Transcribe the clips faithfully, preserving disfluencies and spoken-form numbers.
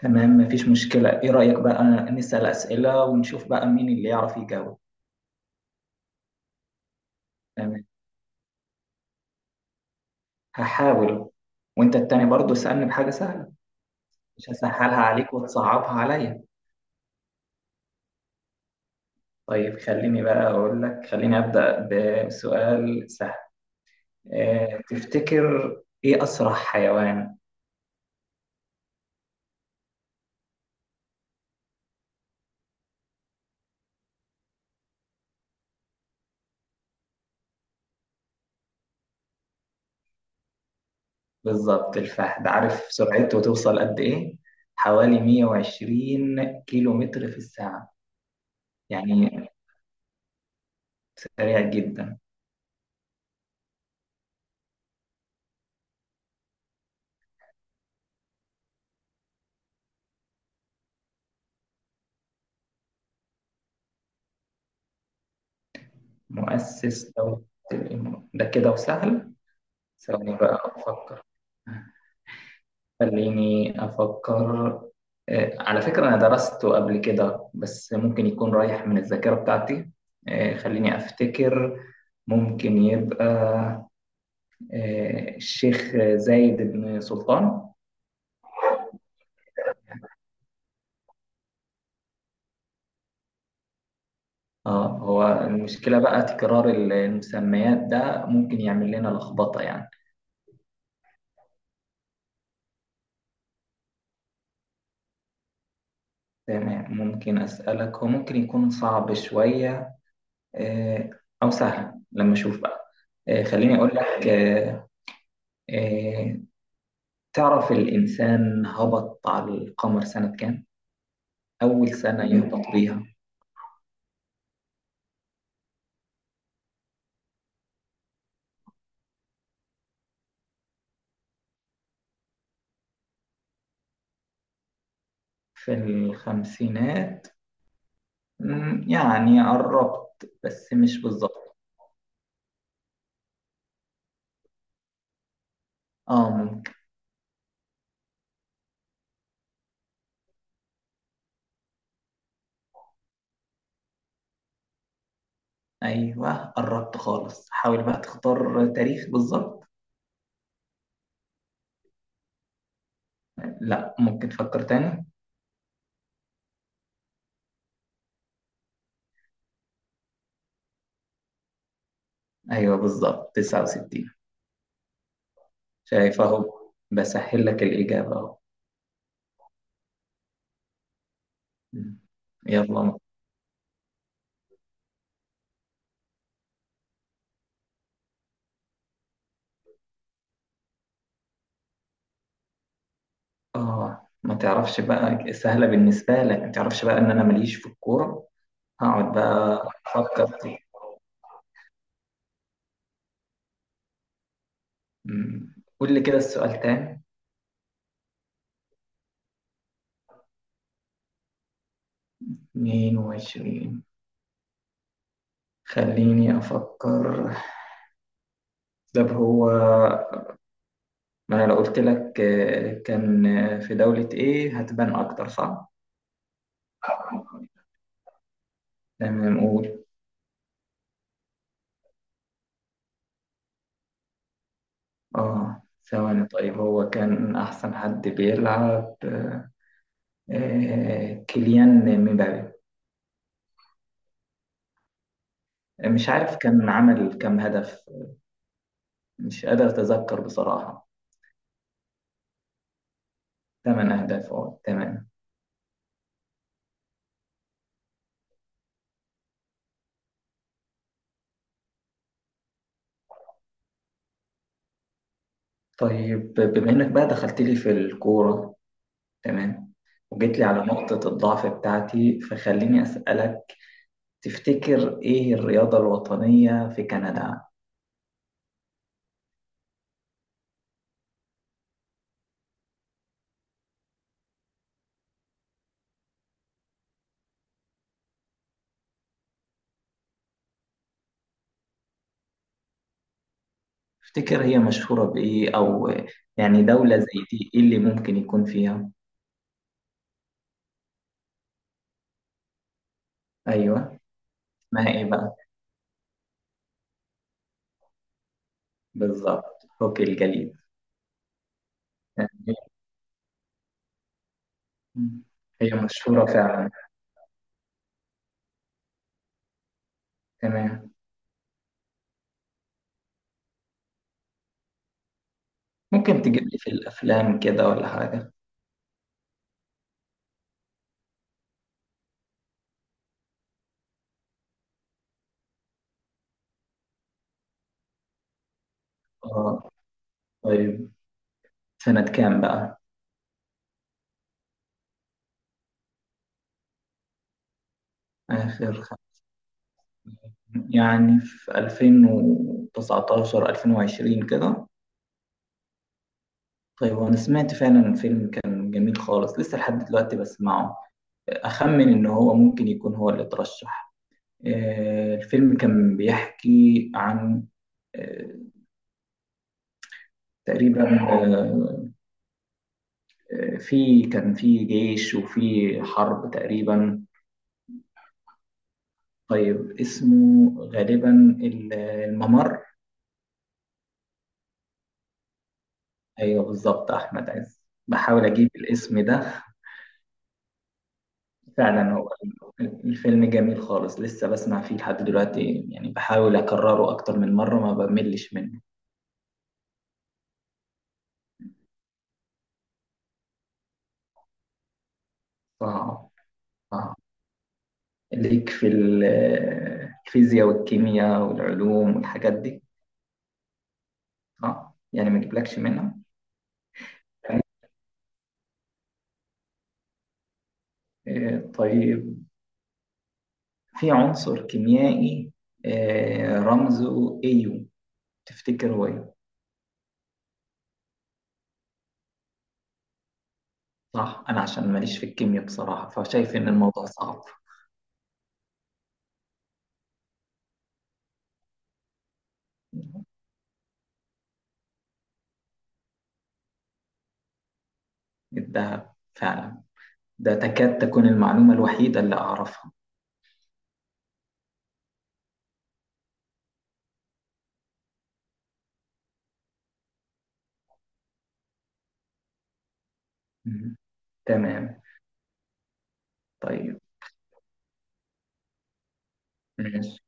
تمام، مفيش مشكلة. إيه رأيك بقى نسأل أسئلة ونشوف بقى مين اللي يعرف يجاوب. تمام، هحاول. وأنت التاني برضو اسألني بحاجة سهلة. مش هسهلها عليك وتصعبها عليا. طيب خليني بقى أقول لك، خليني أبدأ بسؤال سهل. اه، تفتكر إيه أسرع حيوان؟ بالظبط الفهد. عارف سرعته توصل قد إيه؟ حوالي مئة وعشرين كيلو متر في الساعة. يعني سريع جدا. مؤسس دولة الإمارات ده كده وسهل. ثواني بقى أفكر، خليني أفكر. آه، على فكرة أنا درسته قبل كده، بس ممكن يكون رايح من الذاكرة بتاعتي. آه، خليني أفتكر. ممكن يبقى آه، الشيخ زايد بن سلطان. اه، هو المشكلة بقى تكرار المسميات ده ممكن يعمل لنا لخبطة يعني. تمام، ممكن أسألك؟ هو ممكن يكون صعب شوية آه، أو سهل لما أشوف بقى. آه، خليني أقول لك آه، آه، تعرف الإنسان هبط على القمر سنة كام؟ أول سنة يهبط بيها. في الخمسينات؟ مم، يعني قربت بس مش بالظبط. اه ممكن. ايوه قربت خالص، حاول بقى تختار تاريخ بالظبط. لا، ممكن تفكر تاني. ايوه بالظبط تسعة وستين. شايف اهو بسهل لك الإجابة اهو. مم. يلا. اه، ما تعرفش بقى سهلة بالنسبة لك، ما تعرفش بقى ان انا ماليش في الكورة. هقعد بقى أفكر فيه. مم. قول لي كده السؤال تاني. اتنين وعشرين. خليني أفكر. طب هو، ما أنا لو قلت لك آه، كان آه، في دولة إيه هتبان أكتر، صح؟ تمام قول. آه ثواني، طيب هو كان أحسن حد بيلعب آه، آه، كيليان مبابي. مش عارف كان عمل كام هدف، مش قادر أتذكر بصراحة. ثمان أهداف، أه تمام. طيب بما إنك بقى دخلت لي في الكورة، تمام، وجيت لي على نقطة الضعف بتاعتي، فخليني أسألك، تفتكر إيه الرياضة الوطنية في كندا؟ تفتكر هي مشهورة بإيه؟ أو يعني دولة زي دي إيه اللي ممكن يكون فيها؟ أيوه، اسمها إيه بقى؟ بالظبط، هوكي الجليد. يعني هي مشهورة فعلا. تمام، ممكن تجيب لي في الأفلام كده ولا حاجة؟ آه طيب، سنة كام بقى؟ آخر، يعني في ألفين وتسعتاشر، ألفين وعشرين كده. طيب وانا سمعت فعلا الفيلم كان جميل خالص، لسه لحد دلوقتي بسمعه. اخمن ان هو ممكن يكون هو اللي ترشح. آه، الفيلم كان بيحكي عن آه، تقريبا آه، آه، في كان في جيش وفي حرب تقريبا. طيب اسمه غالبا ال- الممر. ايوه بالظبط، احمد عز، بحاول اجيب الاسم ده. فعلا هو الفيلم جميل خالص، لسه بسمع فيه لحد دلوقتي، يعني بحاول أكرره أكتر من مرة ما بملش منه. صعب. صعب. ليك في ال- الفيزياء والكيمياء والعلوم والحاجات دي، صح؟ يعني ما جبلكش منها. آه، طيب، في عنصر كيميائي آه، رمزه إيه يو، تفتكر هو ايه؟ صح، أنا عشان ماليش في الكيمياء بصراحة فشايف إن الموضوع صعب. الذهب فعلا؟ ده تكاد تكون المعلومة الوحيدة اللي أعرفها. مم. تمام. طيب ماشي.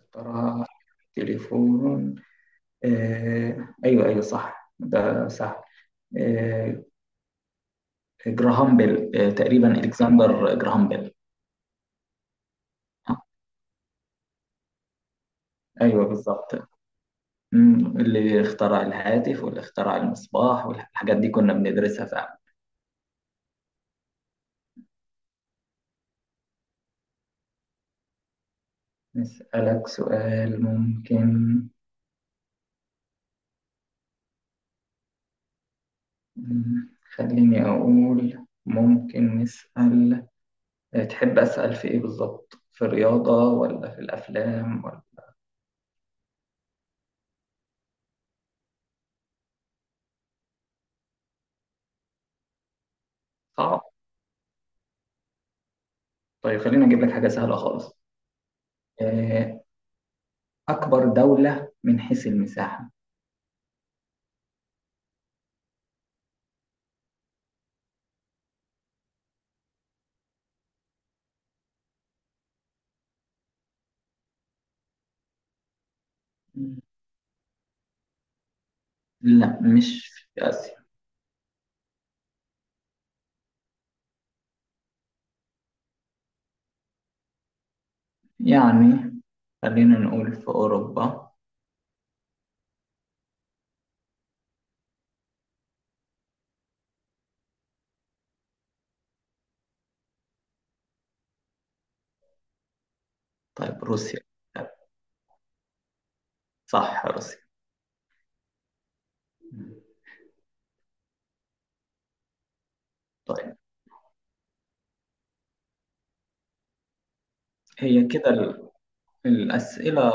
اختارها تليفون. آه، أيوه أيوه، صح ده صح. آه، جراهام بيل، آه، تقريبا ألكسندر جراهام بيل. آه، أيوه بالظبط. مم. اللي اخترع الهاتف واللي اخترع المصباح والحاجات دي كنا بندرسها فعلا. نسألك سؤال ممكن. مم، خليني أقول ممكن نسأل، آه، تحب أسأل في إيه بالظبط؟ في الرياضة ولا في الأفلام؟ صعب. طيب خلينا اجيب لك حاجة سهلة خالص. آه، أكبر دولة من حيث المساحة. لا، مش في آسيا. يعني خلينا نقول في أوروبا. طيب روسيا. صح، روسيا. طيب هي كده ال- الأسئلة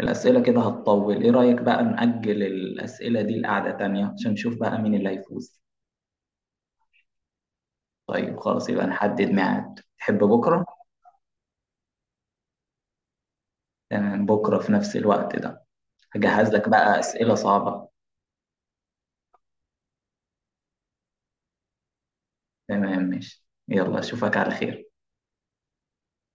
الأسئلة كده هتطول. إيه رأيك بقى نأجل الأسئلة دي لقعدة تانية عشان نشوف بقى مين اللي هيفوز؟ طيب خلاص، يبقى نحدد ميعاد. تحب بكرة؟ تمام، بكرة في نفس الوقت ده. هجهز لك بقى أسئلة صعبة. تمام ماشي، يلا اشوفك على خير.